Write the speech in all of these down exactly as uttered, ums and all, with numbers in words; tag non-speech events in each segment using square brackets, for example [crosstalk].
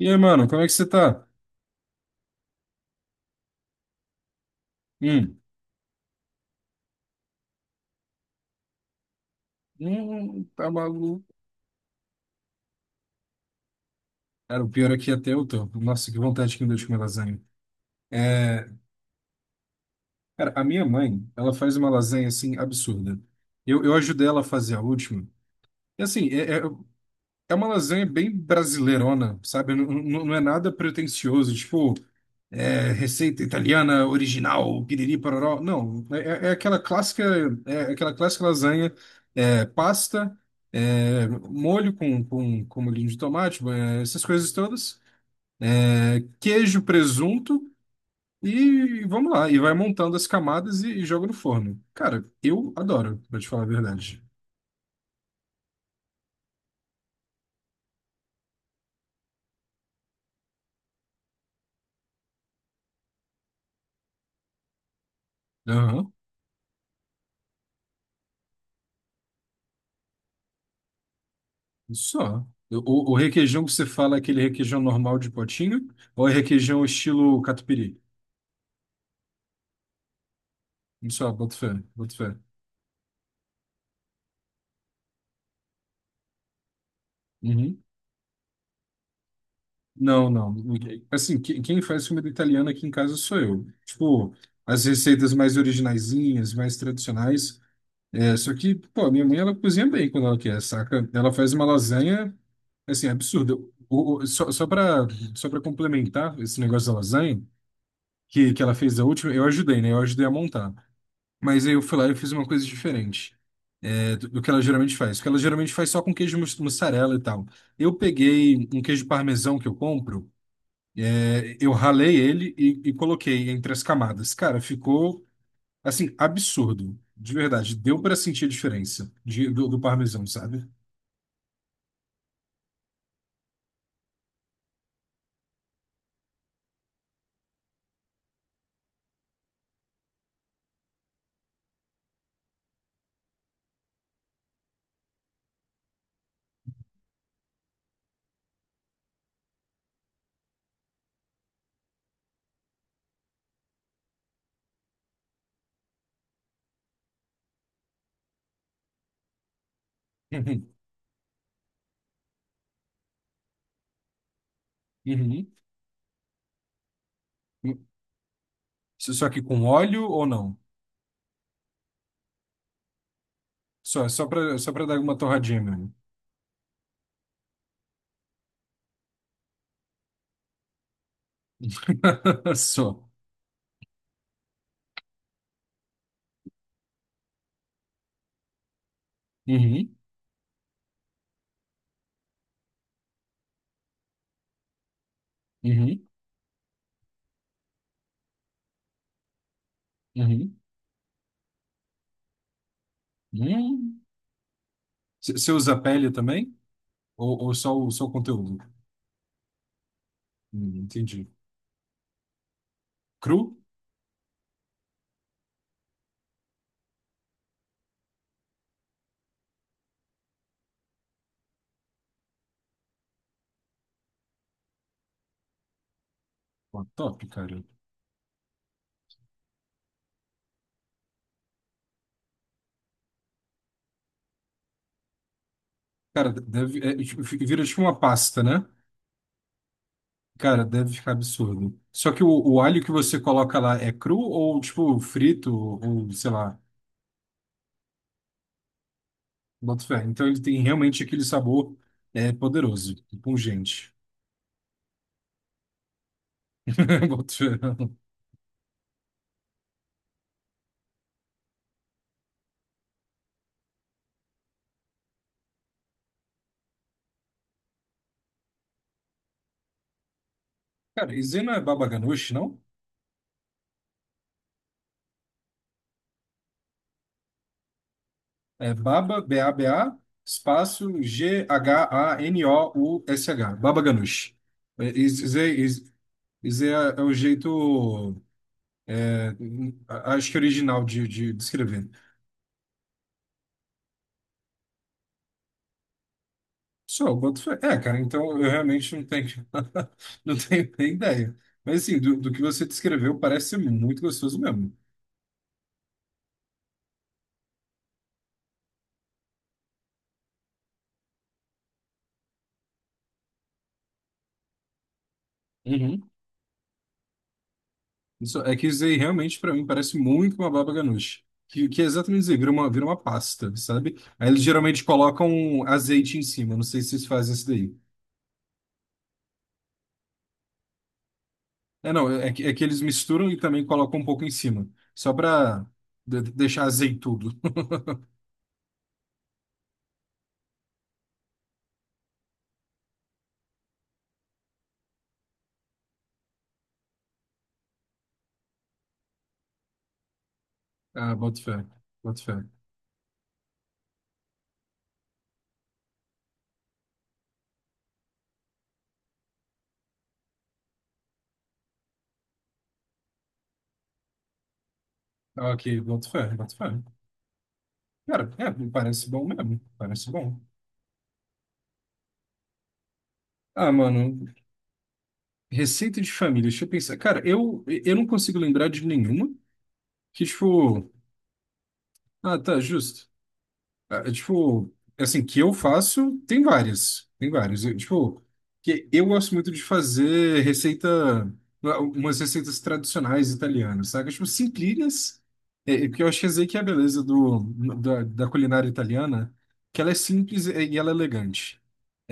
E aí, mano, como é que você tá? Hum, hum, tá maluco. Cara, o pior aqui até eu tô. Nossa, que vontade que me deu de comer lasanha. É, cara, a minha mãe, ela faz uma lasanha, assim, absurda. Eu, eu ajudei ela a fazer a última. E, assim, é, é, é uma lasanha bem brasileirona, sabe? Não, não, não é nada pretensioso. Tipo, é, receita italiana original, piriri pororó. Não, é, é é aquela clássica, é é aquela clássica lasanha, é, pasta, é, molho com, com, com molhinho de tomate, é, essas coisas todas, é, queijo, presunto e vamos lá. E vai montando as camadas e, e joga no forno. Cara, eu adoro, pra te falar a verdade. Aham, só. O, o requeijão que você fala é aquele requeijão normal de potinho ou é requeijão estilo catupiry? Só, boto fé, boto fé. Uhum. Não, não. Assim, que- quem faz comida italiana aqui em casa sou eu. Tipo, as receitas mais originaizinhas, mais tradicionais. É, só que, pô, minha mãe, ela cozinha bem quando ela quer, saca? Ela faz uma lasanha, assim, absurda. O, o- só, só pra, só pra complementar esse negócio da lasanha, que, que ela fez a última, eu ajudei, né? Eu ajudei a montar. Mas aí eu fui lá e fiz uma coisa diferente, é, do, do que ela geralmente faz. Porque ela geralmente faz só com queijo mus- mussarela e tal. Eu peguei um queijo parmesão que eu compro. é, Eu ralei ele e, e coloquei entre as camadas. Cara, ficou assim, absurdo. De verdade, deu para sentir a diferença de- do, do parmesão, sabe? Uhum, uhum. Só só que com óleo ou não? Só, só para só para dar uma torradinha mesmo. [laughs] Só. Uhum, uhum, uhum. Hum. C- Você usa a pele também? Ou, ou só, o, só o conteúdo? Hum, entendi. Cru? Pô, top, cara. Cara, deve, é, tipo, fica- vira tipo uma pasta, né? Cara, deve ficar absurdo. Só que o, o alho que você coloca lá é cru ou, tipo, frito, ou sei lá, boto fé. Então ele tem realmente aquele sabor é, poderoso, pungente. [laughs] Boto fé. Cara, isso aí não é baba ganoush, não? É baba, B A B A, espaço G H A N O U S H. Baba ganoush. É, Isso isso aí isso- isso aí é, é o jeito, é, acho que original de, de, de, escrever. Só, eu boto fé. É, cara, então eu realmente não tenho, [laughs] não tenho nem ideia. Mas assim, do, do que você descreveu, parece ser muito gostoso mesmo. Uhum. Isso, é que isso aí realmente para mim parece muito uma baba ganoush. Que, que é exatamente dizer, vira uma, vira uma pasta, sabe? Aí eles geralmente colocam azeite em cima. Não sei se vocês fazem isso daí. É, não, é, é que- é que eles misturam e também colocam um pouco em cima. Só pra de- deixar azeitudo. [laughs] Ah, boto fé, boto fé. Ok, boto fé, boto fé. Cara, é, me parece bom mesmo. Parece bom. Ah, mano, receita de família. Deixa eu pensar. Cara, eu, eu não consigo lembrar de nenhuma que, tipo. Ah, tá, justo. Ah, é, tipo, assim, que eu faço, tem várias. Tem várias. Eu, tipo, que eu gosto muito de fazer receita. Umas receitas tradicionais italianas, sabe? Tipo, simplinhas. É, é, porque eu acho que essa aí que é a beleza do, da, da culinária italiana, que ela é simples e ela é elegante.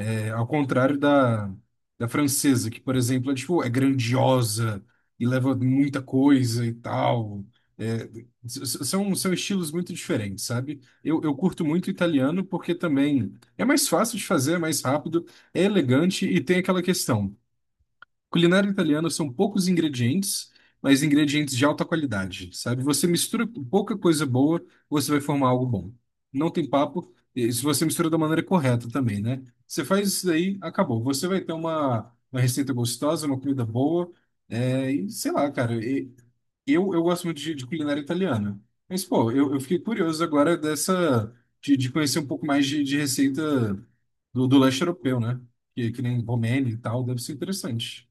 É, ao contrário da, da, francesa, que, por exemplo, é, tipo, é grandiosa e leva muita coisa e tal. É, s- s- são, são estilos muito diferentes, sabe? Eu, eu curto muito italiano porque também é mais fácil de fazer, é mais rápido, é elegante e tem aquela questão. Culinária italiana são poucos ingredientes, mas ingredientes de alta qualidade, sabe? Você mistura pouca coisa boa, você vai formar algo bom. Não tem papo, e se você mistura da maneira correta também, né? Você faz isso daí, acabou. Você vai ter uma, uma receita gostosa, uma comida boa, é, e sei lá, cara. e- eu, eu gosto muito de, de culinária italiana. Mas, pô, eu, eu fiquei curioso agora dessa, de, de conhecer um pouco mais de, de receita do, do leste europeu, né? Que, que nem Romênia e tal, deve ser interessante.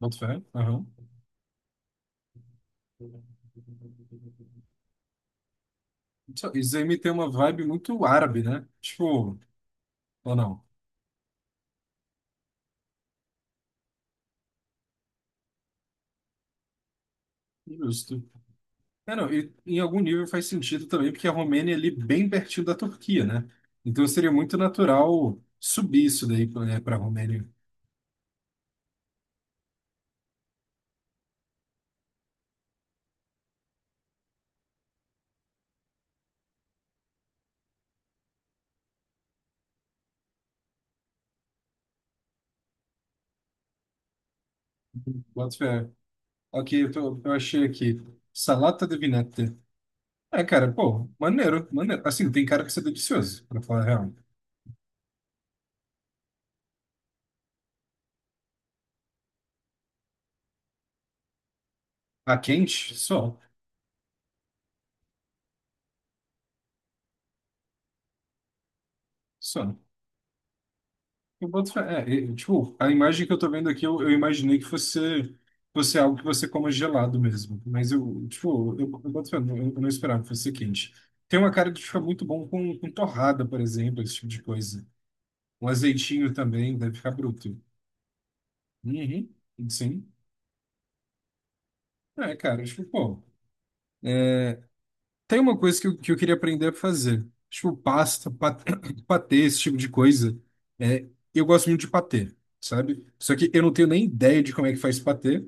Boto fé. Aham. Isso isso aí me tem uma vibe muito árabe, né? Tipo, ou não? Justo. É, não, e em algum nível faz sentido também, porque a Romênia é ali bem pertinho da Turquia, né? Então seria muito natural subir isso daí para a Romênia. Boto fé. Ok, eu, tô- eu achei aqui. Salata de vinete. É, cara, pô, maneiro, maneiro. Assim, tem cara que isso é delicioso, pra falar a real. A quente, só. Só. Eu boto fé. É, e, tipo, a imagem que eu tô vendo aqui, eu, eu imaginei que fosse, fosse algo que você coma gelado mesmo. Mas eu, tipo, eu, eu boto fé, eu, eu não esperava que fosse quente. Tem uma cara que fica muito bom com, com torrada, por exemplo, esse tipo de coisa. Um azeitinho também, deve ficar bruto. Uhum, sim. É, cara, tipo, pô. Tem uma coisa que eu, que eu queria aprender a fazer. Tipo, pasta, pat- [coughs] [clears throat] patê, esse tipo de coisa. É, eu gosto muito de patê, sabe? Só que eu não tenho nem ideia de como é que faz patê.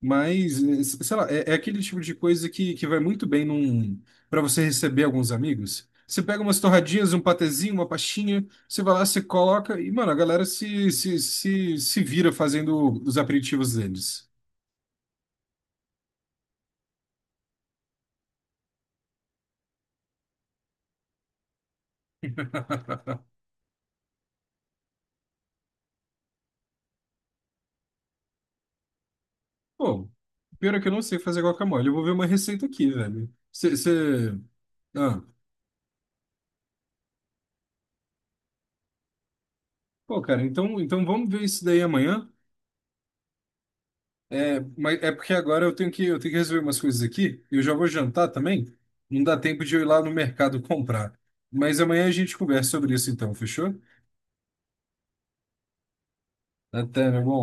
Mas, eh, sei lá, é, é aquele tipo de coisa que, que vai muito bem num, para você receber alguns amigos. Você pega umas torradinhas, um patezinho, uma pastinha, você vai lá, você coloca e, mano, a galera se, se, se, se vira fazendo os aperitivos deles. [laughs] Pô, pior é que eu não sei fazer guacamole. Eu vou ver uma receita aqui, velho. Você. Ah, pô, cara, então, então vamos ver isso daí amanhã. É, mas é porque agora eu tenho que, eu tenho que resolver umas coisas aqui e eu já vou jantar também. Não dá tempo de eu ir lá no mercado comprar. Mas amanhã a gente conversa sobre isso então, fechou? Até, meu bom.